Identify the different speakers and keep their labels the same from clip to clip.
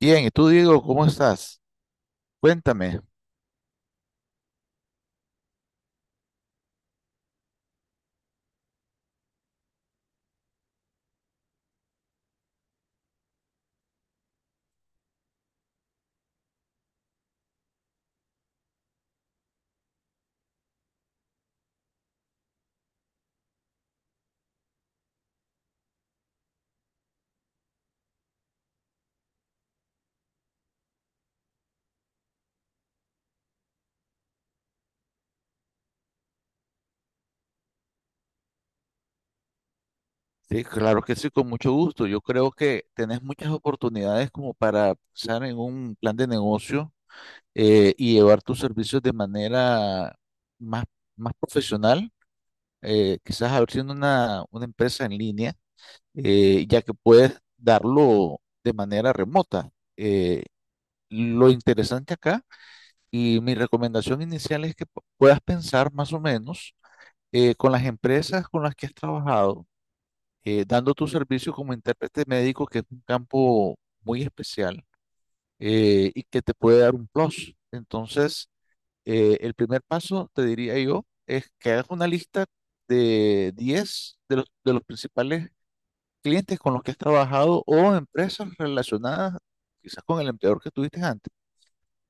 Speaker 1: Bien, ¿y tú, Diego, cómo estás? Cuéntame. Sí, claro que sí, con mucho gusto. Yo creo que tenés muchas oportunidades como para pensar en un plan de negocio y llevar tus servicios de manera más, más profesional, quizás abriendo una empresa en línea, ya que puedes darlo de manera remota. Eh, lo interesante acá y mi recomendación inicial es que puedas pensar más o menos con las empresas con las que has trabajado dando tu servicio como intérprete médico, que es un campo muy especial y que te puede dar un plus. Entonces, el primer paso, te diría yo, es que hagas una lista de 10 de los principales clientes con los que has trabajado o empresas relacionadas quizás con el empleador que tuviste antes,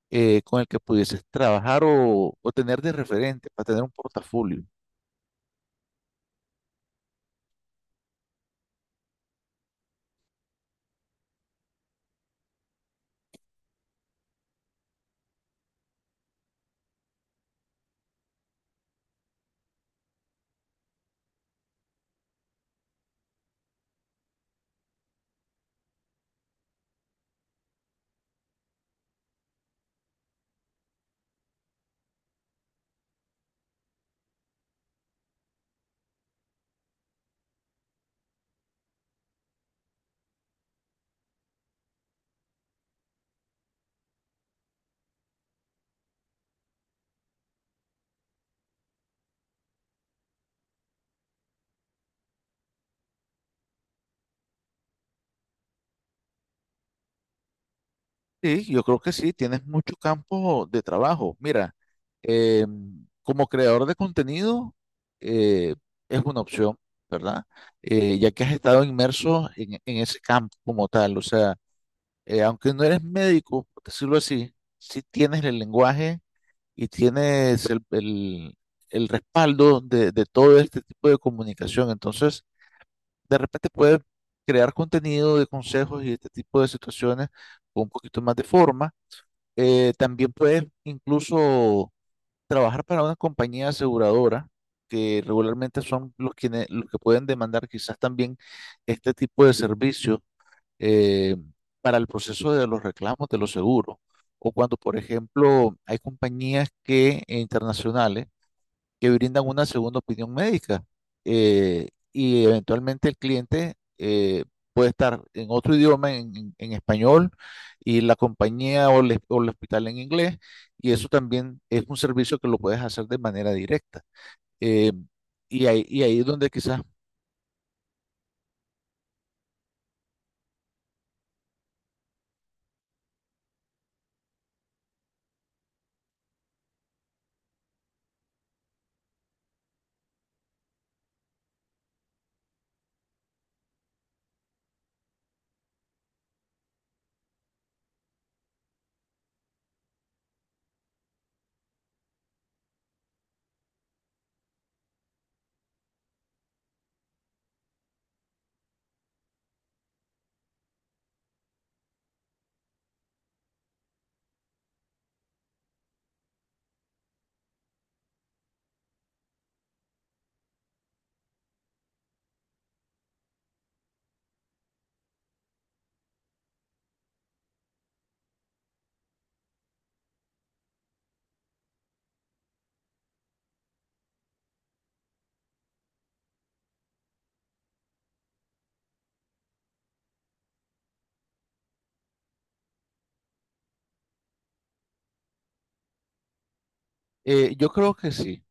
Speaker 1: con el que pudieses trabajar o tener de referente para tener un portafolio. Sí, yo creo que sí, tienes mucho campo de trabajo. Mira, eh, como creador de contenido, eh, es una opción, ¿verdad? Ya que has estado inmerso en ese campo como tal, o sea, aunque no eres médico, por decirlo así, sí tienes el lenguaje y tienes el respaldo de todo este tipo de comunicación. Entonces, de repente puedes crear contenido de consejos y este tipo de situaciones con un poquito más de forma. También puedes incluso trabajar para una compañía aseguradora, que regularmente son los que pueden demandar quizás también este tipo de servicio eh, para el proceso de los reclamos de los seguros. O cuando, por ejemplo, hay compañías internacionales que brindan una segunda opinión médica. Y eventualmente el cliente puede estar en otro idioma, en español, y la compañía o el hospital en inglés, y eso también es un servicio que lo puedes hacer de manera directa. Eh, y ahí es donde quizás, yo creo que sí.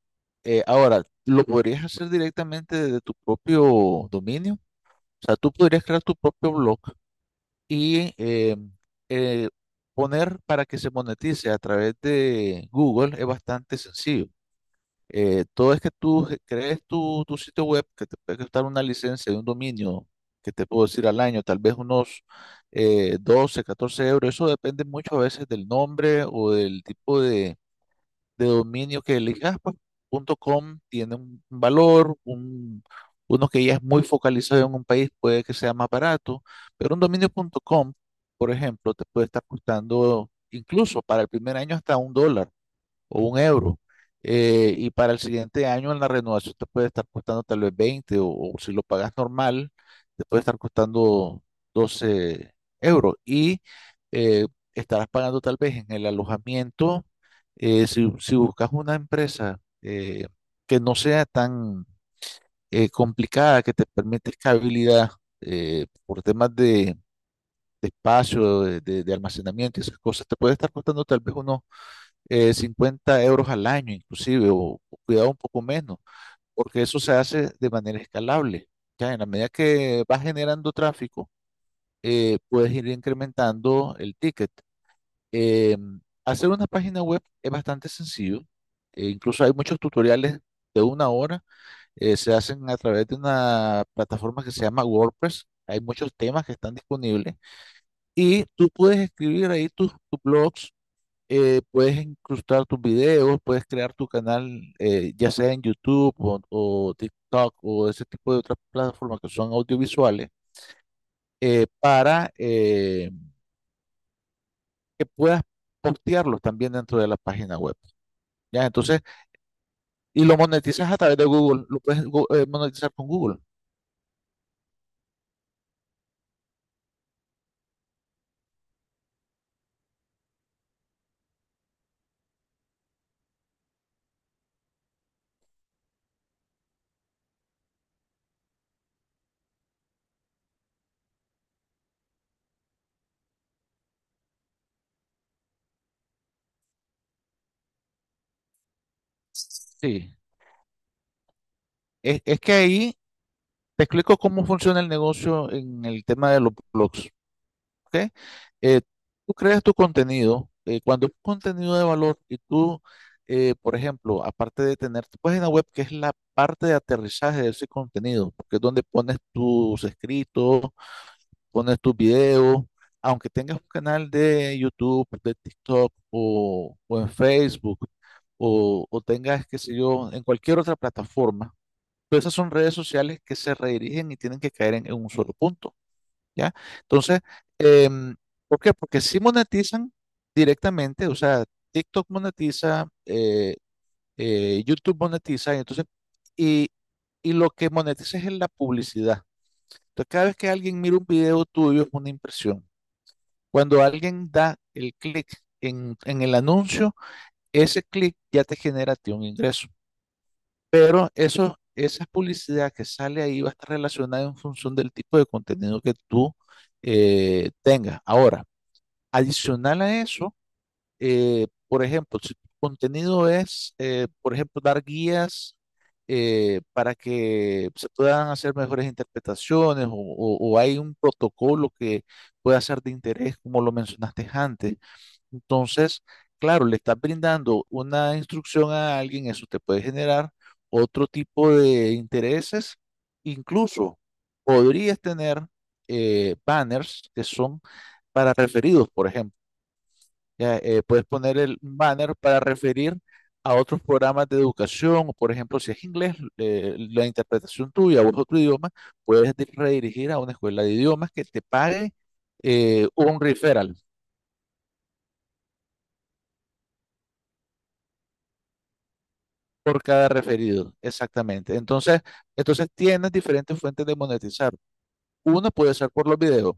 Speaker 1: Ahora, ¿lo podrías hacer directamente desde tu propio dominio? O sea, tú podrías crear tu propio blog y eh, poner para que se monetice a través de Google es bastante sencillo. Todo es que tú crees tu sitio web, que te puede costar una licencia de un dominio, que te puedo decir al año, tal vez unos 12, 14 euros. Eso depende mucho a veces del nombre o del tipo de dominio que elijas, pues punto .com tiene un valor, uno que ya es muy focalizado en un país puede que sea más barato, pero un dominio punto .com, por ejemplo, te puede estar costando incluso para el primer año hasta 1 dólar o 1 euro. Y para el siguiente año en la renovación te puede estar costando tal vez 20 o si lo pagas normal, te puede estar costando 12 euros. Y eh, estarás pagando tal vez en el alojamiento, si buscas una empresa que no sea tan complicada, que te permite escalabilidad por temas de espacio, de almacenamiento y esas cosas, te puede estar costando tal vez unos 50 euros al año inclusive, o cuidado un poco menos, porque eso se hace de manera escalable. Ya en la medida que vas generando tráfico, puedes ir incrementando el ticket. Eh, hacer una página web es bastante sencillo, incluso hay muchos tutoriales de 1 hora, se hacen a través de una plataforma que se llama WordPress. Hay muchos temas que están disponibles y tú puedes escribir ahí tus blogs. Puedes incrustar tus videos, puedes crear tu canal, ya sea en YouTube o TikTok o ese tipo de otras plataformas que son audiovisuales, para que puedas postearlos también dentro de la página web. ¿Ya? Entonces, y lo monetizas a través de Google, lo puedes monetizar con Google. Sí, es que ahí te explico cómo funciona el negocio en el tema de los blogs. ¿Ok? Eh, tú creas tu contenido, cuando es contenido de valor y tú, por ejemplo, aparte de tener tu página web, que es la parte de aterrizaje de ese contenido, porque es donde pones tus escritos, pones tus videos, aunque tengas un canal de YouTube, de TikTok o en Facebook, o tengas, qué sé yo, en cualquier otra plataforma, todas esas son redes sociales que se redirigen y tienen que caer en un solo punto. ¿Ya? Entonces, em, ¿por qué? Porque si monetizan directamente, o sea, TikTok monetiza, YouTube monetiza, y entonces, y, y lo que monetiza es en la publicidad. Entonces, cada vez que alguien mira un video tuyo es una impresión. Cuando alguien da el clic en el anuncio, ese clic ya te genera a ti un ingreso. Pero eso, esa publicidad que sale ahí va a estar relacionada en función del tipo de contenido que tú tengas. Ahora, adicional a eso, por ejemplo, si tu contenido es, por ejemplo, dar guías para que se puedan hacer mejores interpretaciones o hay un protocolo que pueda ser de interés, como lo mencionaste antes. Entonces, claro, le estás brindando una instrucción a alguien, eso te puede generar otro tipo de intereses. Incluso podrías tener banners que son para referidos, por ejemplo. Ya, puedes poner el banner para referir a otros programas de educación, o por ejemplo, si es inglés, la interpretación tuya o es otro idioma, puedes redirigir a una escuela de idiomas que te pague un referral por cada referido, exactamente. Entonces, tienes diferentes fuentes de monetizar. Una puede ser por los videos.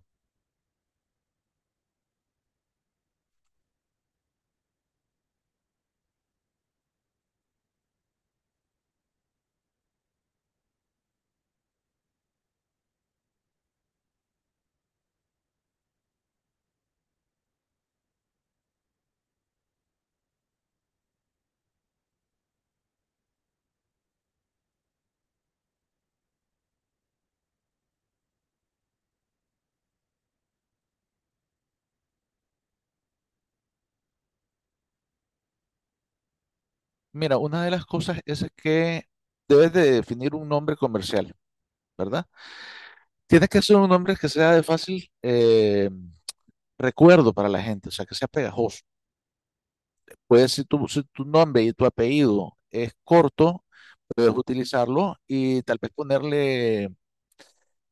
Speaker 1: Mira, una de las cosas es que debes de definir un nombre comercial, ¿verdad? Tienes que ser un nombre que sea de fácil recuerdo para la gente, o sea, que sea pegajoso. Puedes, si tu nombre y tu apellido es corto, puedes utilizarlo y tal vez ponerle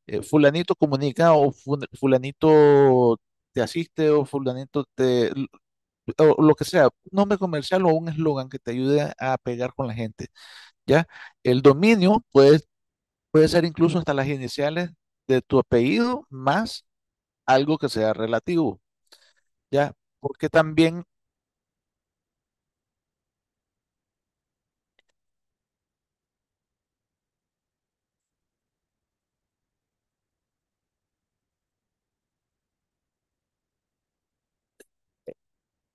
Speaker 1: fulanito comunica o fulanito te asiste o fulanito te, o lo que sea, un nombre comercial o un eslogan que te ayude a pegar con la gente, ¿ya? El dominio puede ser incluso hasta las iniciales de tu apellido más algo que sea relativo, ¿ya? Porque también.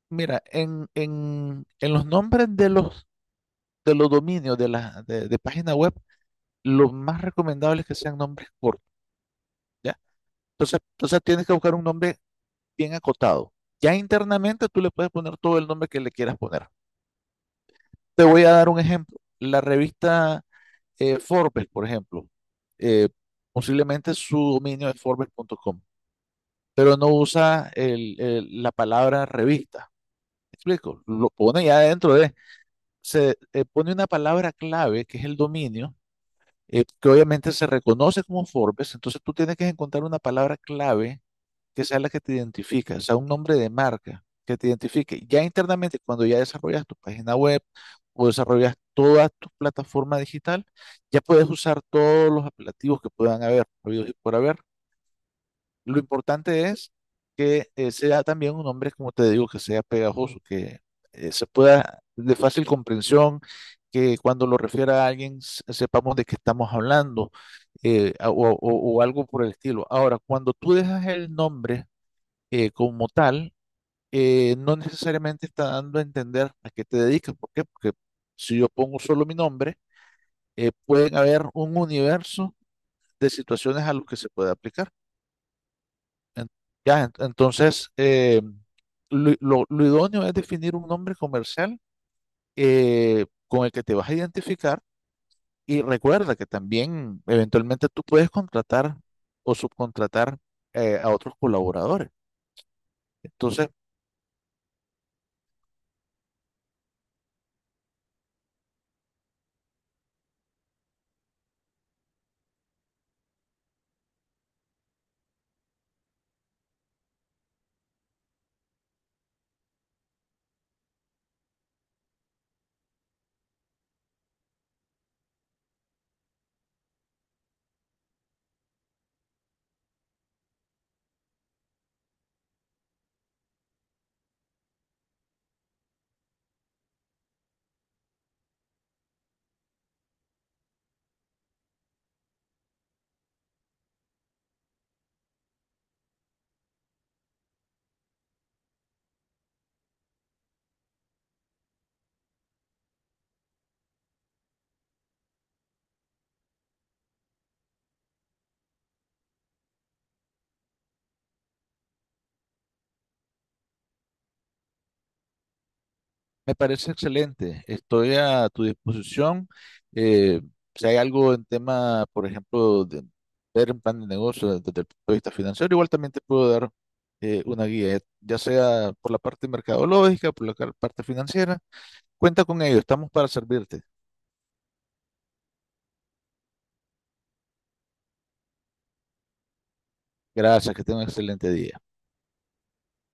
Speaker 1: Mira, en los nombres de los dominios de página web, lo más recomendable es que sean nombres cortos, ¿ya? Entonces, tienes que buscar un nombre bien acotado. Ya internamente tú le puedes poner todo el nombre que le quieras poner. Te voy a dar un ejemplo. La revista Forbes, por ejemplo, eh, posiblemente su dominio es forbes.com, pero no usa la palabra revista. ¿Me explico? Lo pone ya dentro de. Se pone una palabra clave que es el dominio, que obviamente se reconoce como Forbes, entonces tú tienes que encontrar una palabra clave que sea la que te identifica, o sea, un nombre de marca que te identifique. Ya internamente, cuando ya desarrollas tu página web o desarrollas toda tu plataforma digital, ya puedes usar todos los apelativos que puedan haber, habidos y por haber. Lo importante es que sea también un hombre, como te digo, que sea pegajoso, que se pueda de fácil comprensión, que cuando lo refiera a alguien sepamos de qué estamos hablando, eh, a- o, o- o algo por el estilo. Ahora, cuando tú dejas el nombre como tal, no necesariamente está dando a entender a qué te dedicas. ¿Por qué? Porque si yo pongo solo mi nombre, pueden haber un universo de situaciones a los que se puede aplicar. En- ya, entonces, lo idóneo es definir un nombre comercial con el que te vas a identificar y recuerda que también eventualmente tú puedes contratar o subcontratar a otros colaboradores. Entonces, me parece excelente. Estoy a tu disposición. Eh, si hay algo en tema, por ejemplo, de ver un plan de negocio desde el punto de vista financiero, igual también te puedo dar una guía, ya sea por la parte mercadológica, por la parte financiera. Cuenta con ello, estamos para servirte. Gracias, que tenga un excelente día.